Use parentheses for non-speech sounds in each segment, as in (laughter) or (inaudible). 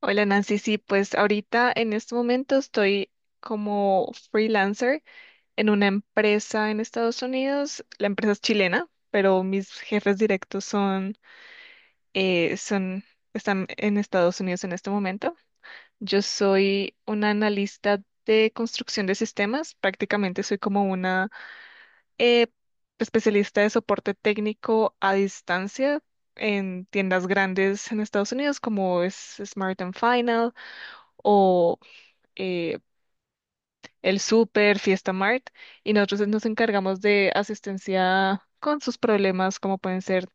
Hola Nancy, sí, pues ahorita en este momento estoy como freelancer en una empresa en Estados Unidos. La empresa es chilena, pero mis jefes directos son, están en Estados Unidos en este momento. Yo soy una analista de construcción de sistemas, prácticamente soy como una eh, especialista de soporte técnico a distancia en tiendas grandes en Estados Unidos como es Smart and Final o eh, el Super, Fiesta Mart, y nosotros nos encargamos de asistencia con sus problemas, como pueden ser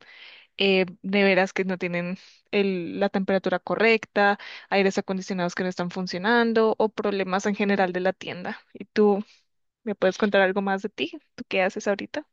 neveras que no tienen la temperatura correcta, aires acondicionados que no están funcionando o problemas en general de la tienda. ¿Y tú me puedes contar algo más de ti? ¿Tú qué haces ahorita?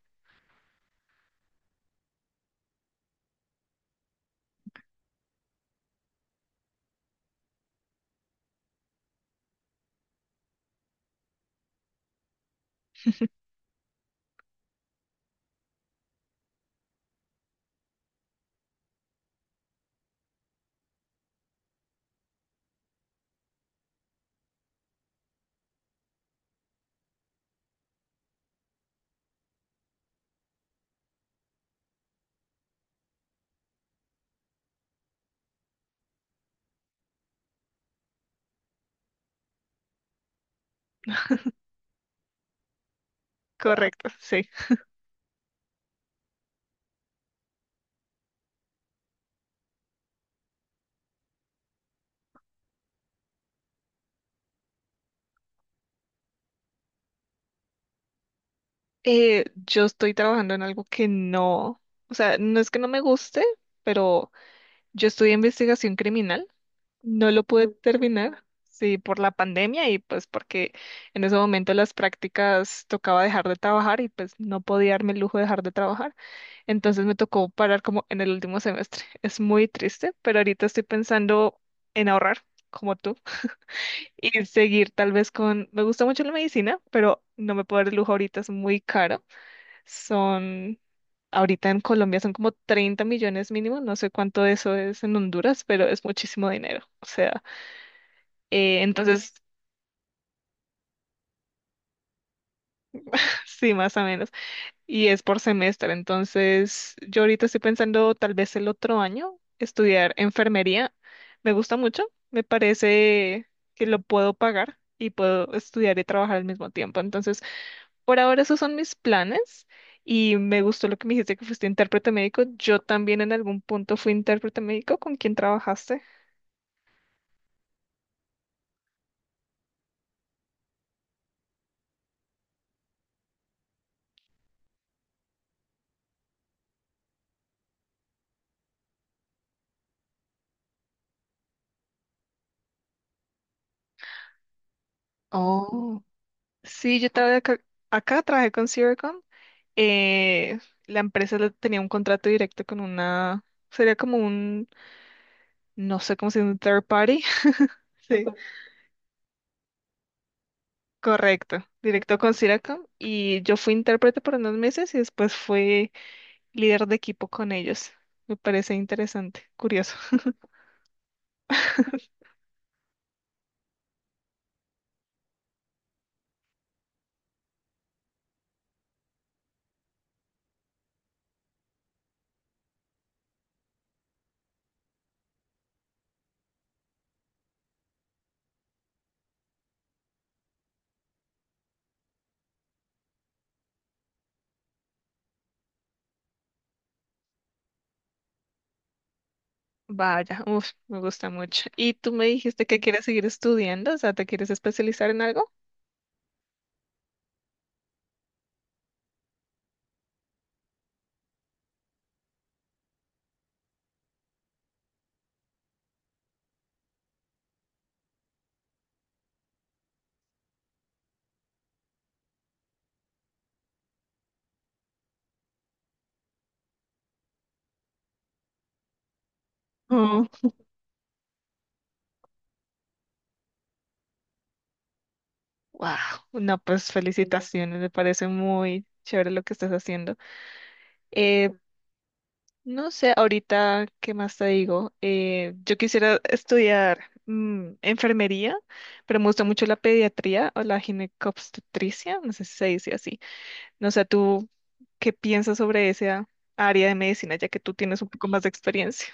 Correcto, sí. Yo estoy trabajando en algo que no, o sea, no es que no me guste, pero yo estudié investigación criminal. No lo pude terminar, sí, por la pandemia y pues porque en ese momento las prácticas tocaba dejar de trabajar y pues no podía darme el lujo de dejar de trabajar. Entonces me tocó parar como en el último semestre. (laughs) Es muy triste, pero ahorita estoy pensando en ahorrar, como tú, y seguir tal vez con... Me gusta mucho la medicina, pero no me puedo dar el lujo ahorita, es muy caro. Son... Ahorita en Colombia son como 30 millones mínimo, no sé cuánto eso es en Honduras, pero es muchísimo dinero. O sea... entonces, (laughs) sí, más o menos. Y es por semestre. Entonces, yo ahorita estoy pensando tal vez el otro año estudiar enfermería. Me gusta mucho. Me parece que lo puedo pagar y puedo estudiar y trabajar al mismo tiempo. Entonces, por ahora esos son mis planes. Y me gustó lo que me dijiste que fuiste intérprete médico. Yo también en algún punto fui intérprete médico. ¿Con quién trabajaste? Oh, sí, yo estaba acá, acá trabajé con Siricon, eh, la empresa le tenía un contrato directo con una, sería como un, no sé cómo se dice, un third party. (laughs) Sí. Correcto, directo con Siracom. Y yo fui intérprete por unos meses y después fui líder de equipo con ellos. Me parece interesante, curioso. (laughs) Vaya, uf, me gusta mucho. ¿Y tú me dijiste que quieres seguir estudiando? O sea, ¿te quieres especializar en algo? Wow. No, pues felicitaciones, me parece muy chévere lo que estás haciendo. Eh, no sé, ahorita, ¿qué más te digo? Yo quisiera estudiar enfermería, pero me gusta mucho la pediatría o la ginecobstetricia, no sé si se dice así. No sé, ¿tú ¿qué piensas sobre esa área de medicina, ya que tú tienes un poco más de experiencia?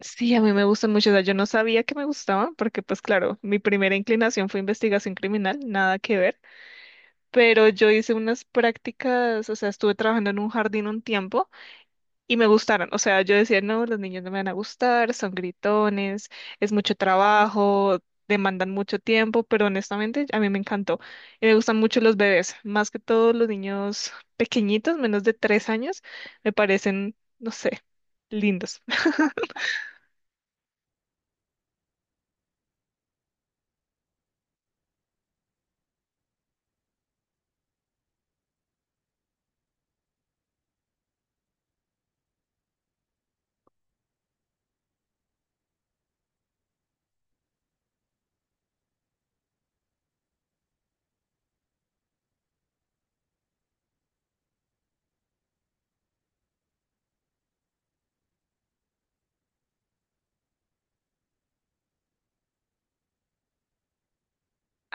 Sí, a mí me gustan mucho. O sea, yo no sabía que me gustaban, porque pues claro, mi primera inclinación fue investigación criminal, nada que ver, pero yo hice unas prácticas, o sea, estuve trabajando en un jardín un tiempo. Y me gustaron. O sea, yo decía, no, los niños no me van a gustar, son gritones, es mucho trabajo, demandan mucho tiempo, pero honestamente a mí me encantó. Y me gustan mucho los bebés, más que todos los niños pequeñitos, menos de 3 años, me parecen, no sé, lindos. (laughs)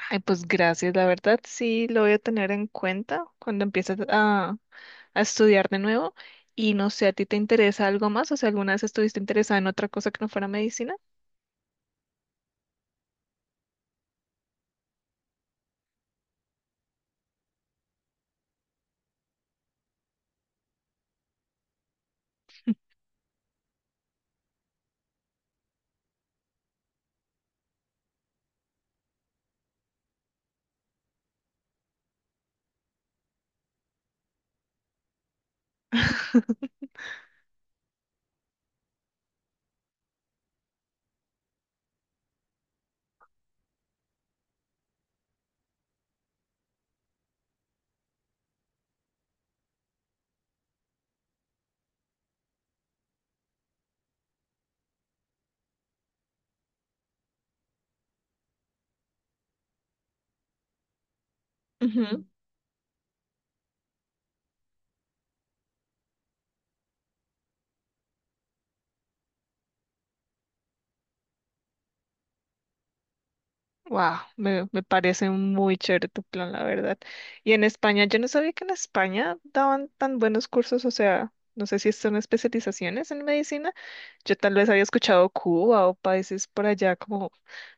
Ay, pues gracias, la verdad sí lo voy a tener en cuenta cuando empieces a estudiar de nuevo. Y no sé, ¿a ti te interesa algo más? O sea, ¿alguna vez estuviste interesada en otra cosa que no fuera medicina? (laughs) Ujú. Wow, me parece muy chévere tu plan, la verdad. Y en España, yo no sabía que en España daban tan buenos cursos, o sea, no sé si son especializaciones en medicina. Yo tal vez había escuchado Cuba o países por allá como,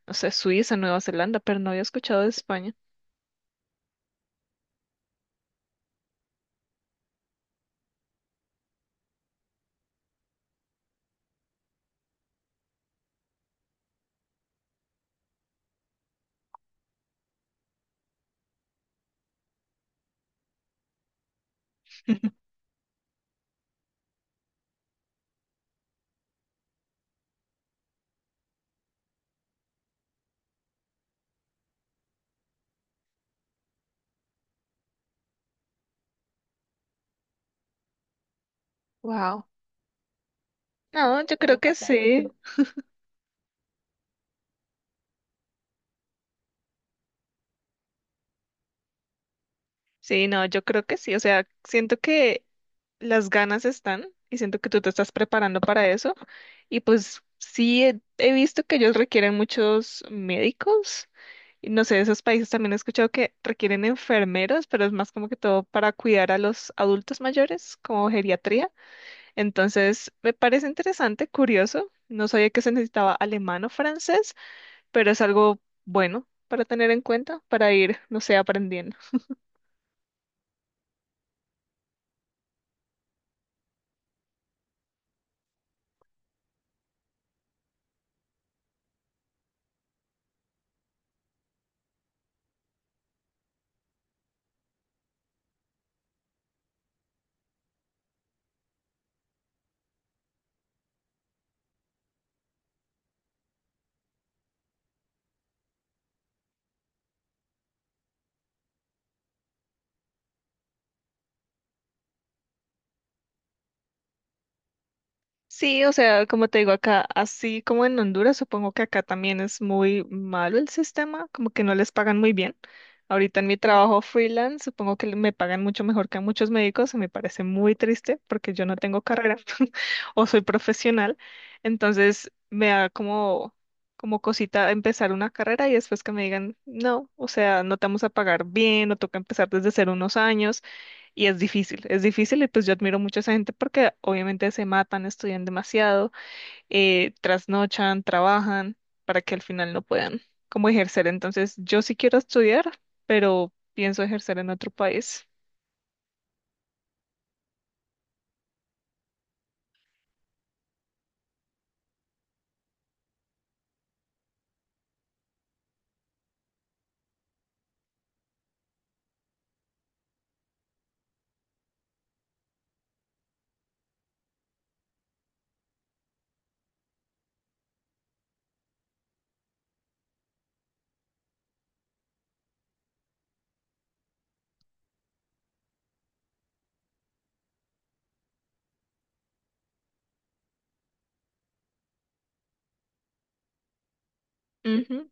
no sé, Suiza, Nueva Zelanda, pero no había escuchado de España. Wow. No, yo creo que sí. Sí, no, yo creo que sí. O sea, siento que las ganas están y siento que tú te estás preparando para eso. Y pues sí, he visto que ellos requieren muchos médicos. Y no sé, esos países también he escuchado que requieren enfermeros, pero es más como que todo para cuidar a los adultos mayores, como geriatría. Entonces, me parece interesante, curioso. No sabía que se necesitaba alemán o francés, pero es algo bueno para tener en cuenta, para ir, no sé, aprendiendo. Sí, o sea, como te digo acá, así como en Honduras, supongo que acá también es muy malo el sistema, como que no les pagan muy bien. Ahorita en mi trabajo freelance, supongo que me pagan mucho mejor que a muchos médicos, y me parece muy triste porque yo no tengo carrera (laughs) o soy profesional, entonces me da como, como cosita empezar una carrera y después que me digan, no, o sea, no te vamos a pagar bien, o toca empezar desde cero unos años. Y es difícil y pues yo admiro mucho a esa gente porque obviamente se matan, estudian demasiado, trasnochan, trabajan para que al final no puedan como ejercer. Entonces yo sí quiero estudiar, pero pienso ejercer en otro país. Ujú.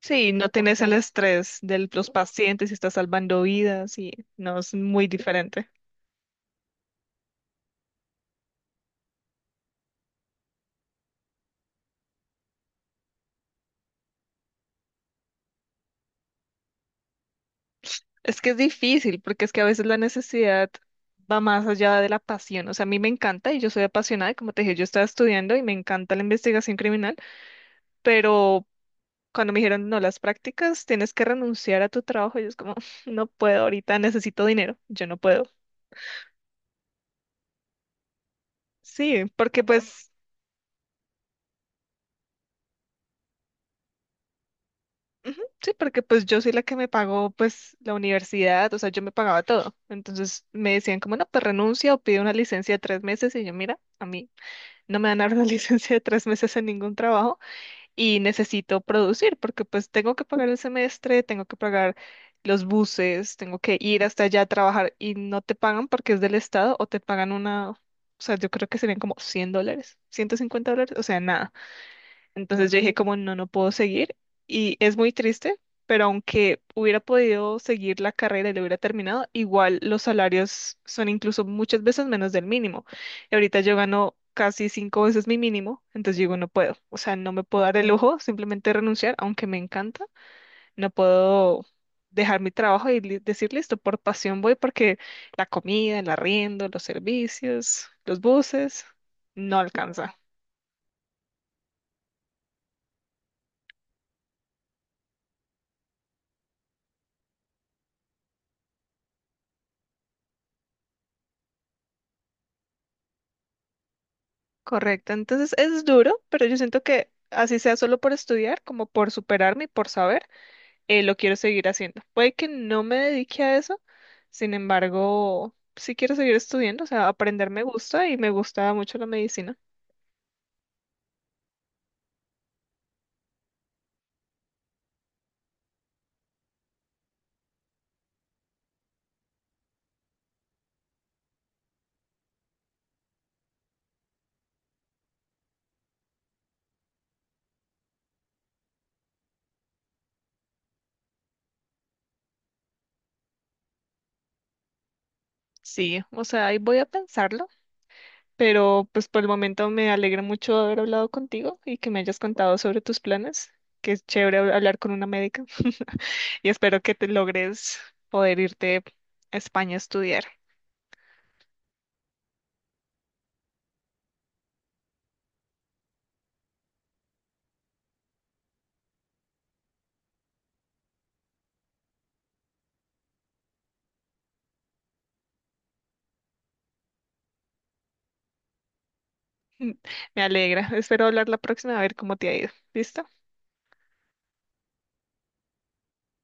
Sí, no tienes el estrés de los pacientes y estás salvando vidas y no es muy diferente. Es que es difícil porque es que a veces la necesidad va más allá de la pasión. O sea, a mí me encanta y yo soy apasionada, y como te dije, yo estaba estudiando y me encanta la investigación criminal, pero cuando me dijeron, no, las prácticas, tienes que renunciar a tu trabajo, yo es como, (laughs) no puedo, ahorita necesito dinero, yo no puedo. Sí, porque pues, ujú, sí, porque pues yo soy la que me pagó pues la universidad, o sea, yo me pagaba todo. Entonces me decían como, no, pues renuncia o pide una licencia de 3 meses y yo, mira, a mí no me van a dar una (laughs) licencia de 3 meses en ningún trabajo. Y necesito producir porque pues tengo que pagar el semestre, tengo que pagar los buses, tengo que ir hasta allá a trabajar y no te pagan porque es del Estado o te pagan una, o sea, yo creo que serían como $100, $150, o sea, nada. Entonces yo dije como no, no puedo seguir y es muy triste, pero aunque hubiera podido seguir la carrera y lo hubiera terminado, igual los salarios son incluso muchas veces menos del mínimo. Y ahorita yo gano casi cinco veces mi mínimo, entonces digo no puedo, o sea, no me puedo dar el lujo simplemente renunciar, aunque me encanta, no puedo dejar mi trabajo y decir listo, por pasión voy porque la comida, el arriendo, los servicios, los buses, no alcanza. Correcto, entonces es duro, pero yo siento que así sea solo por estudiar, como por superarme y por saber, lo quiero seguir haciendo. Puede que no me dedique a eso, sin embargo, sí quiero seguir estudiando, o sea, aprender me gusta y me gusta mucho la medicina. Sí, o sea, ahí voy a pensarlo, pero pues por el momento me alegra mucho haber hablado contigo y que me hayas contado sobre tus planes, que es chévere hablar con una médica. (laughs) Y espero que te logres poder irte a España a estudiar. (laughs) Me alegra. Espero hablar la próxima a ver cómo te ha ido. ¿Listo?